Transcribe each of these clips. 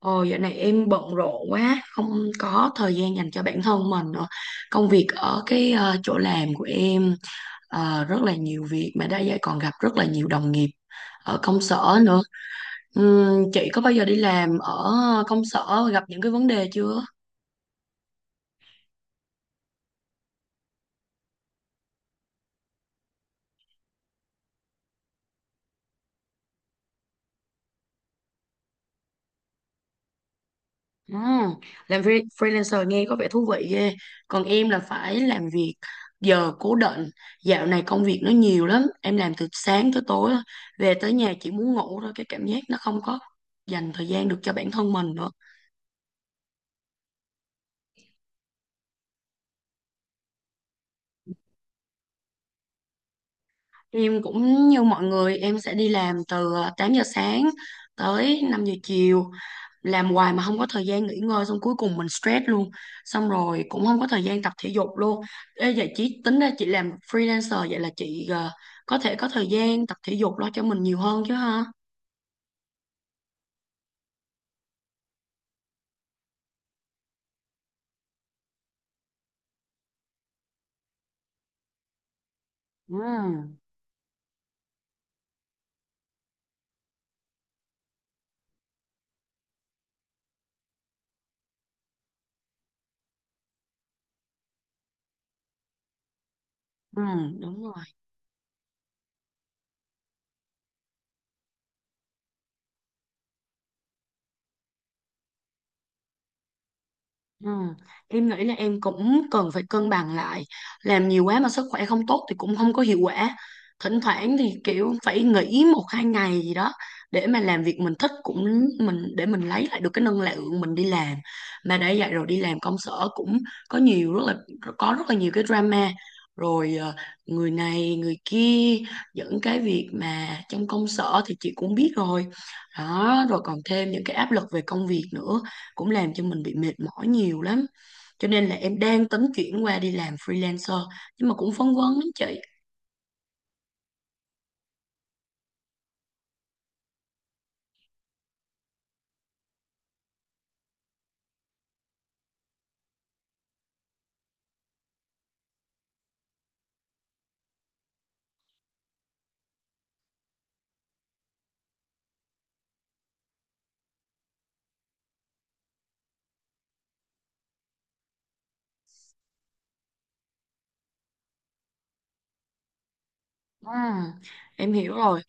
Ồ, dạo này em bận rộn quá, không có thời gian dành cho bản thân mình nữa. Công việc ở cái chỗ làm của em rất là nhiều việc mà đã vậy còn gặp rất là nhiều đồng nghiệp ở công sở nữa. Chị có bao giờ đi làm ở công sở gặp những cái vấn đề chưa? Ừ, làm freelancer nghe có vẻ thú vị ghê. Còn em là phải làm việc giờ cố định. Dạo này công việc nó nhiều lắm. Em làm từ sáng tới tối, á. Về tới nhà chỉ muốn ngủ thôi. Cái cảm giác nó không có dành thời gian được cho bản thân mình nữa. Em cũng như mọi người, em sẽ đi làm từ 8 giờ sáng tới 5 giờ chiều. Làm hoài mà không có thời gian nghỉ ngơi xong cuối cùng mình stress luôn. Xong rồi cũng không có thời gian tập thể dục luôn. Ê, vậy chị tính ra chị làm freelancer vậy là chị có thể có thời gian tập thể dục lo cho mình nhiều hơn chứ ha? Ừ, ừ. Đúng rồi. Ừ. Em nghĩ là em cũng cần phải cân bằng lại, làm nhiều quá mà sức khỏe không tốt thì cũng không có hiệu quả. Thỉnh thoảng thì kiểu phải nghỉ một hai ngày gì đó để mà làm việc mình thích cũng, mình để mình lấy lại được cái năng lượng mình đi làm. Mà đã vậy rồi đi làm công sở cũng có nhiều rất là có rất là nhiều cái drama, rồi người này người kia, dẫn cái việc mà trong công sở thì chị cũng biết rồi đó, rồi còn thêm những cái áp lực về công việc nữa, cũng làm cho mình bị mệt mỏi nhiều lắm, cho nên là em đang tính chuyển qua đi làm freelancer, nhưng mà cũng phân vân lắm chị. Ừ, em hiểu rồi.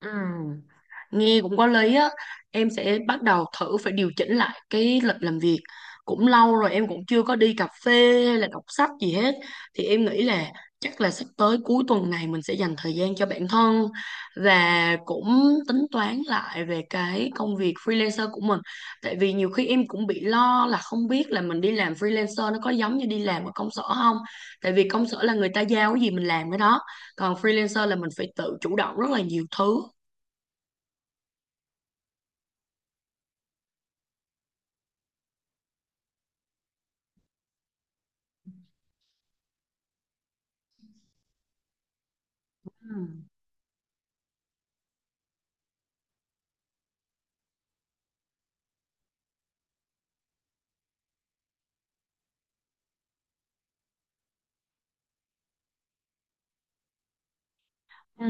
Ừ. Nghe cũng có lý á, em sẽ bắt đầu thử phải điều chỉnh lại cái lịch làm việc. Cũng lâu rồi em cũng chưa có đi cà phê hay là đọc sách gì hết. Thì em nghĩ là chắc là sắp tới cuối tuần này mình sẽ dành thời gian cho bản thân và cũng tính toán lại về cái công việc freelancer của mình. Tại vì nhiều khi em cũng bị lo là không biết là mình đi làm freelancer nó có giống như đi làm ở công sở không. Tại vì công sở là người ta giao cái gì mình làm cái đó. Còn freelancer là mình phải tự chủ động rất là nhiều thứ. Ừ. Ừ.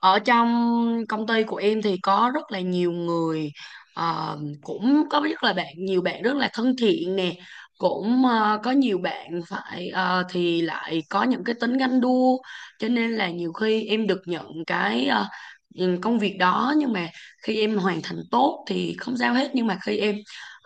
Ở trong công ty của em thì có rất là nhiều người, cũng có rất là bạn nhiều bạn rất là thân thiện nè, cũng có nhiều bạn phải thì lại có những cái tính ganh đua, cho nên là nhiều khi em được nhận cái công việc đó, nhưng mà khi em hoàn thành tốt thì không sao hết, nhưng mà khi em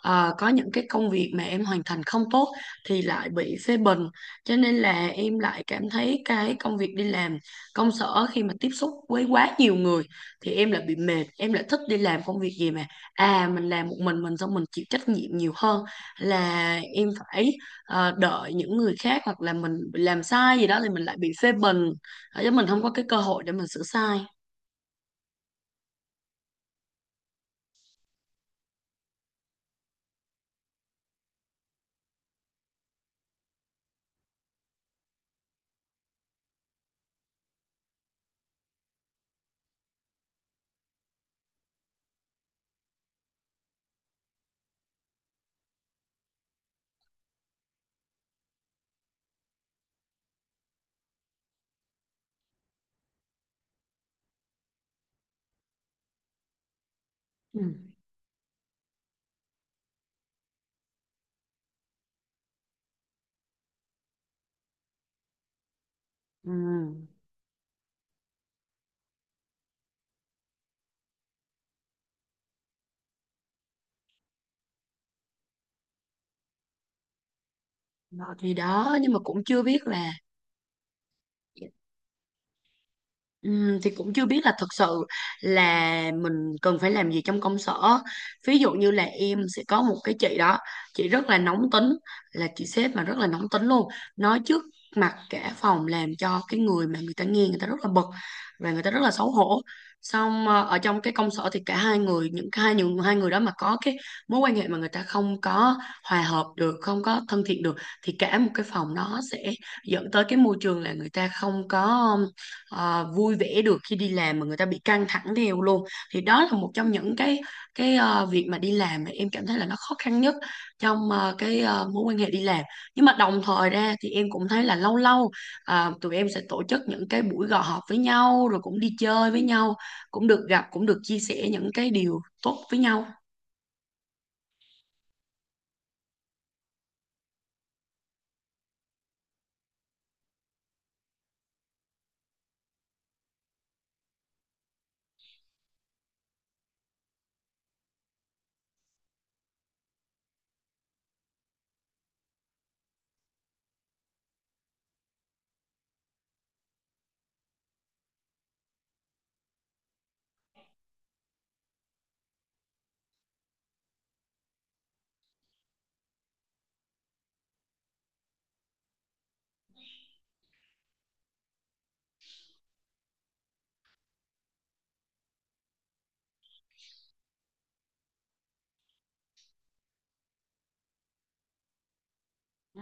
có những cái công việc mà em hoàn thành không tốt thì lại bị phê bình. Cho nên là em lại cảm thấy cái công việc đi làm công sở khi mà tiếp xúc với quá nhiều người thì em lại bị mệt, em lại thích đi làm công việc gì mà mình làm một mình, xong mình chịu trách nhiệm nhiều hơn là em phải đợi những người khác, hoặc là mình bị làm sai gì đó thì mình lại bị phê bình. Chứ mình không có cái cơ hội để mình sửa sai. Ừ. Ừ. Đó, thì đó, nhưng mà cũng chưa biết là, thì cũng chưa biết là thật sự là mình cần phải làm gì trong công sở. Ví dụ như là em sẽ có một cái chị đó, chị rất là nóng tính, là chị sếp mà rất là nóng tính luôn, nói trước mặt cả phòng, làm cho cái người mà người ta nghe, người ta rất là bực và người ta rất là xấu hổ. Xong ở trong cái công sở thì cả hai người, những cái hai những hai người đó mà có cái mối quan hệ mà người ta không có hòa hợp được, không có thân thiện được, thì cả một cái phòng nó sẽ dẫn tới cái môi trường là người ta không có vui vẻ được khi đi làm, mà người ta bị căng thẳng theo luôn. Thì đó là một trong những cái việc mà đi làm mà em cảm thấy là nó khó khăn nhất trong cái mối quan hệ đi làm. Nhưng mà đồng thời ra thì em cũng thấy là lâu lâu tụi em sẽ tổ chức những cái buổi họp với nhau rồi cũng đi chơi với nhau, cũng được gặp, cũng được chia sẻ những cái điều tốt với nhau. Ừ.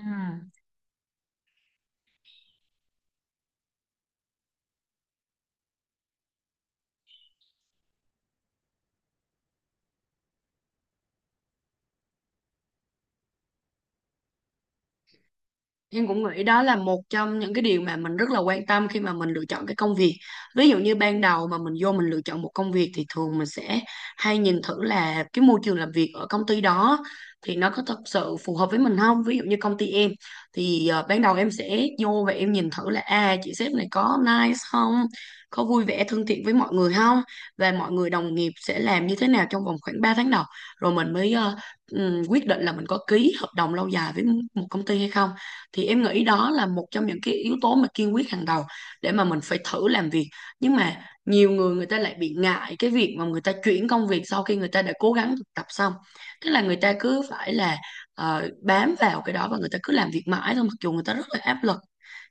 Em cũng nghĩ đó là một trong những cái điều mà mình rất là quan tâm khi mà mình lựa chọn cái công việc. Ví dụ như ban đầu mà mình vô mình lựa chọn một công việc thì thường mình sẽ hay nhìn thử là cái môi trường làm việc ở công ty đó thì nó có thật sự phù hợp với mình không? Ví dụ như công ty em thì ban đầu em sẽ vô và em nhìn thử là chị sếp này có nice không? Có vui vẻ thân thiện với mọi người không? Và mọi người đồng nghiệp sẽ làm như thế nào trong vòng khoảng 3 tháng đầu, rồi mình mới quyết định là mình có ký hợp đồng lâu dài với một công ty hay không. Thì em nghĩ đó là một trong những cái yếu tố mà kiên quyết hàng đầu để mà mình phải thử làm việc. Nhưng mà nhiều người, người ta lại bị ngại cái việc mà người ta chuyển công việc sau khi người ta đã cố gắng thực tập xong, tức là người ta cứ phải là bám vào cái đó và người ta cứ làm việc mãi thôi, mặc dù người ta rất là áp lực.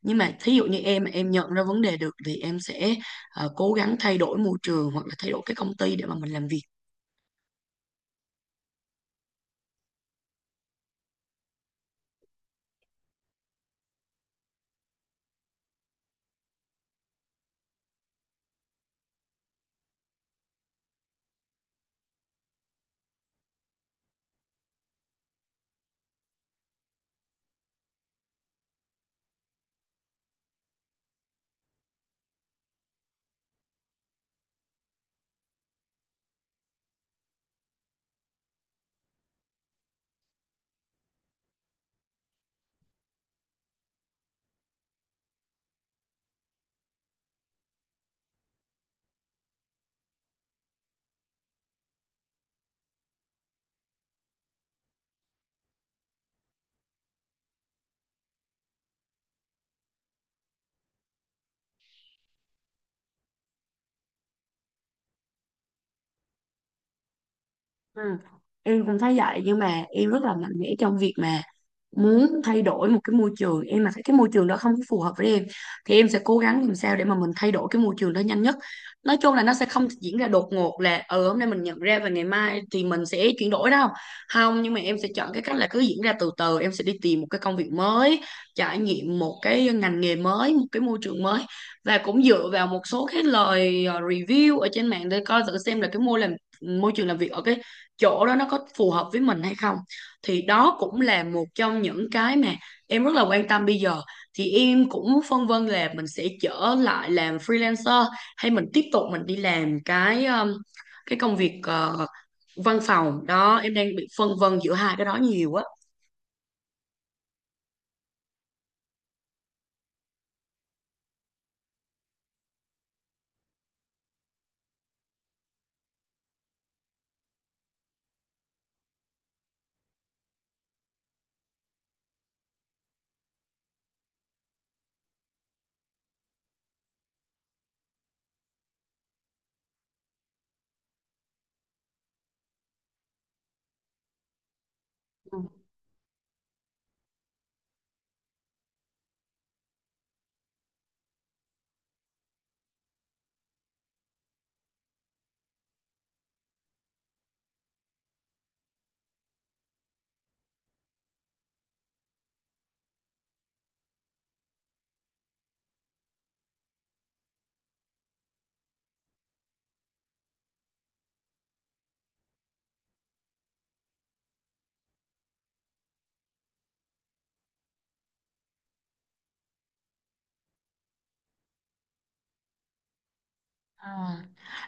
Nhưng mà thí dụ như em, mà em nhận ra vấn đề được, thì em sẽ cố gắng thay đổi môi trường hoặc là thay đổi cái công ty để mà mình làm việc. Ừ. Em cũng thấy vậy, nhưng mà em rất là mạnh mẽ trong việc mà muốn thay đổi một cái môi trường. Em mà thấy cái môi trường đó không có phù hợp với em thì em sẽ cố gắng làm sao để mà mình thay đổi cái môi trường đó nhanh nhất. Nói chung là nó sẽ không diễn ra đột ngột là ừ hôm nay mình nhận ra và ngày mai thì mình sẽ chuyển đổi đâu, không, nhưng mà em sẽ chọn cái cách là cứ diễn ra từ từ. Em sẽ đi tìm một cái công việc mới, trải nghiệm một cái ngành nghề mới, một cái môi trường mới, và cũng dựa vào một số cái lời review ở trên mạng để coi thử xem là cái môi trường làm việc ở cái chỗ đó nó có phù hợp với mình hay không. Thì đó cũng là một trong những cái mà em rất là quan tâm bây giờ. Thì em cũng phân vân là mình sẽ trở lại làm freelancer hay mình tiếp tục mình đi làm cái công việc văn phòng đó. Em đang bị phân vân giữa hai cái đó nhiều á. Ừ. À.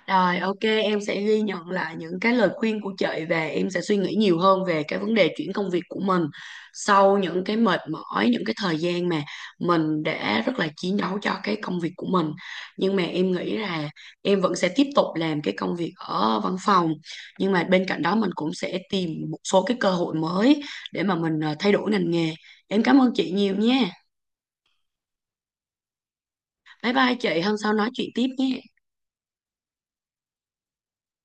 Rồi, ok, em sẽ ghi nhận lại những cái lời khuyên của chị và em sẽ suy nghĩ nhiều hơn về cái vấn đề chuyển công việc của mình sau những cái mệt mỏi, những cái thời gian mà mình đã rất là chiến đấu cho cái công việc của mình. Nhưng mà em nghĩ là em vẫn sẽ tiếp tục làm cái công việc ở văn phòng. Nhưng mà bên cạnh đó mình cũng sẽ tìm một số cái cơ hội mới để mà mình thay đổi ngành nghề. Em cảm ơn chị nhiều nha. Bye bye chị, hôm sau nói chuyện tiếp nhé.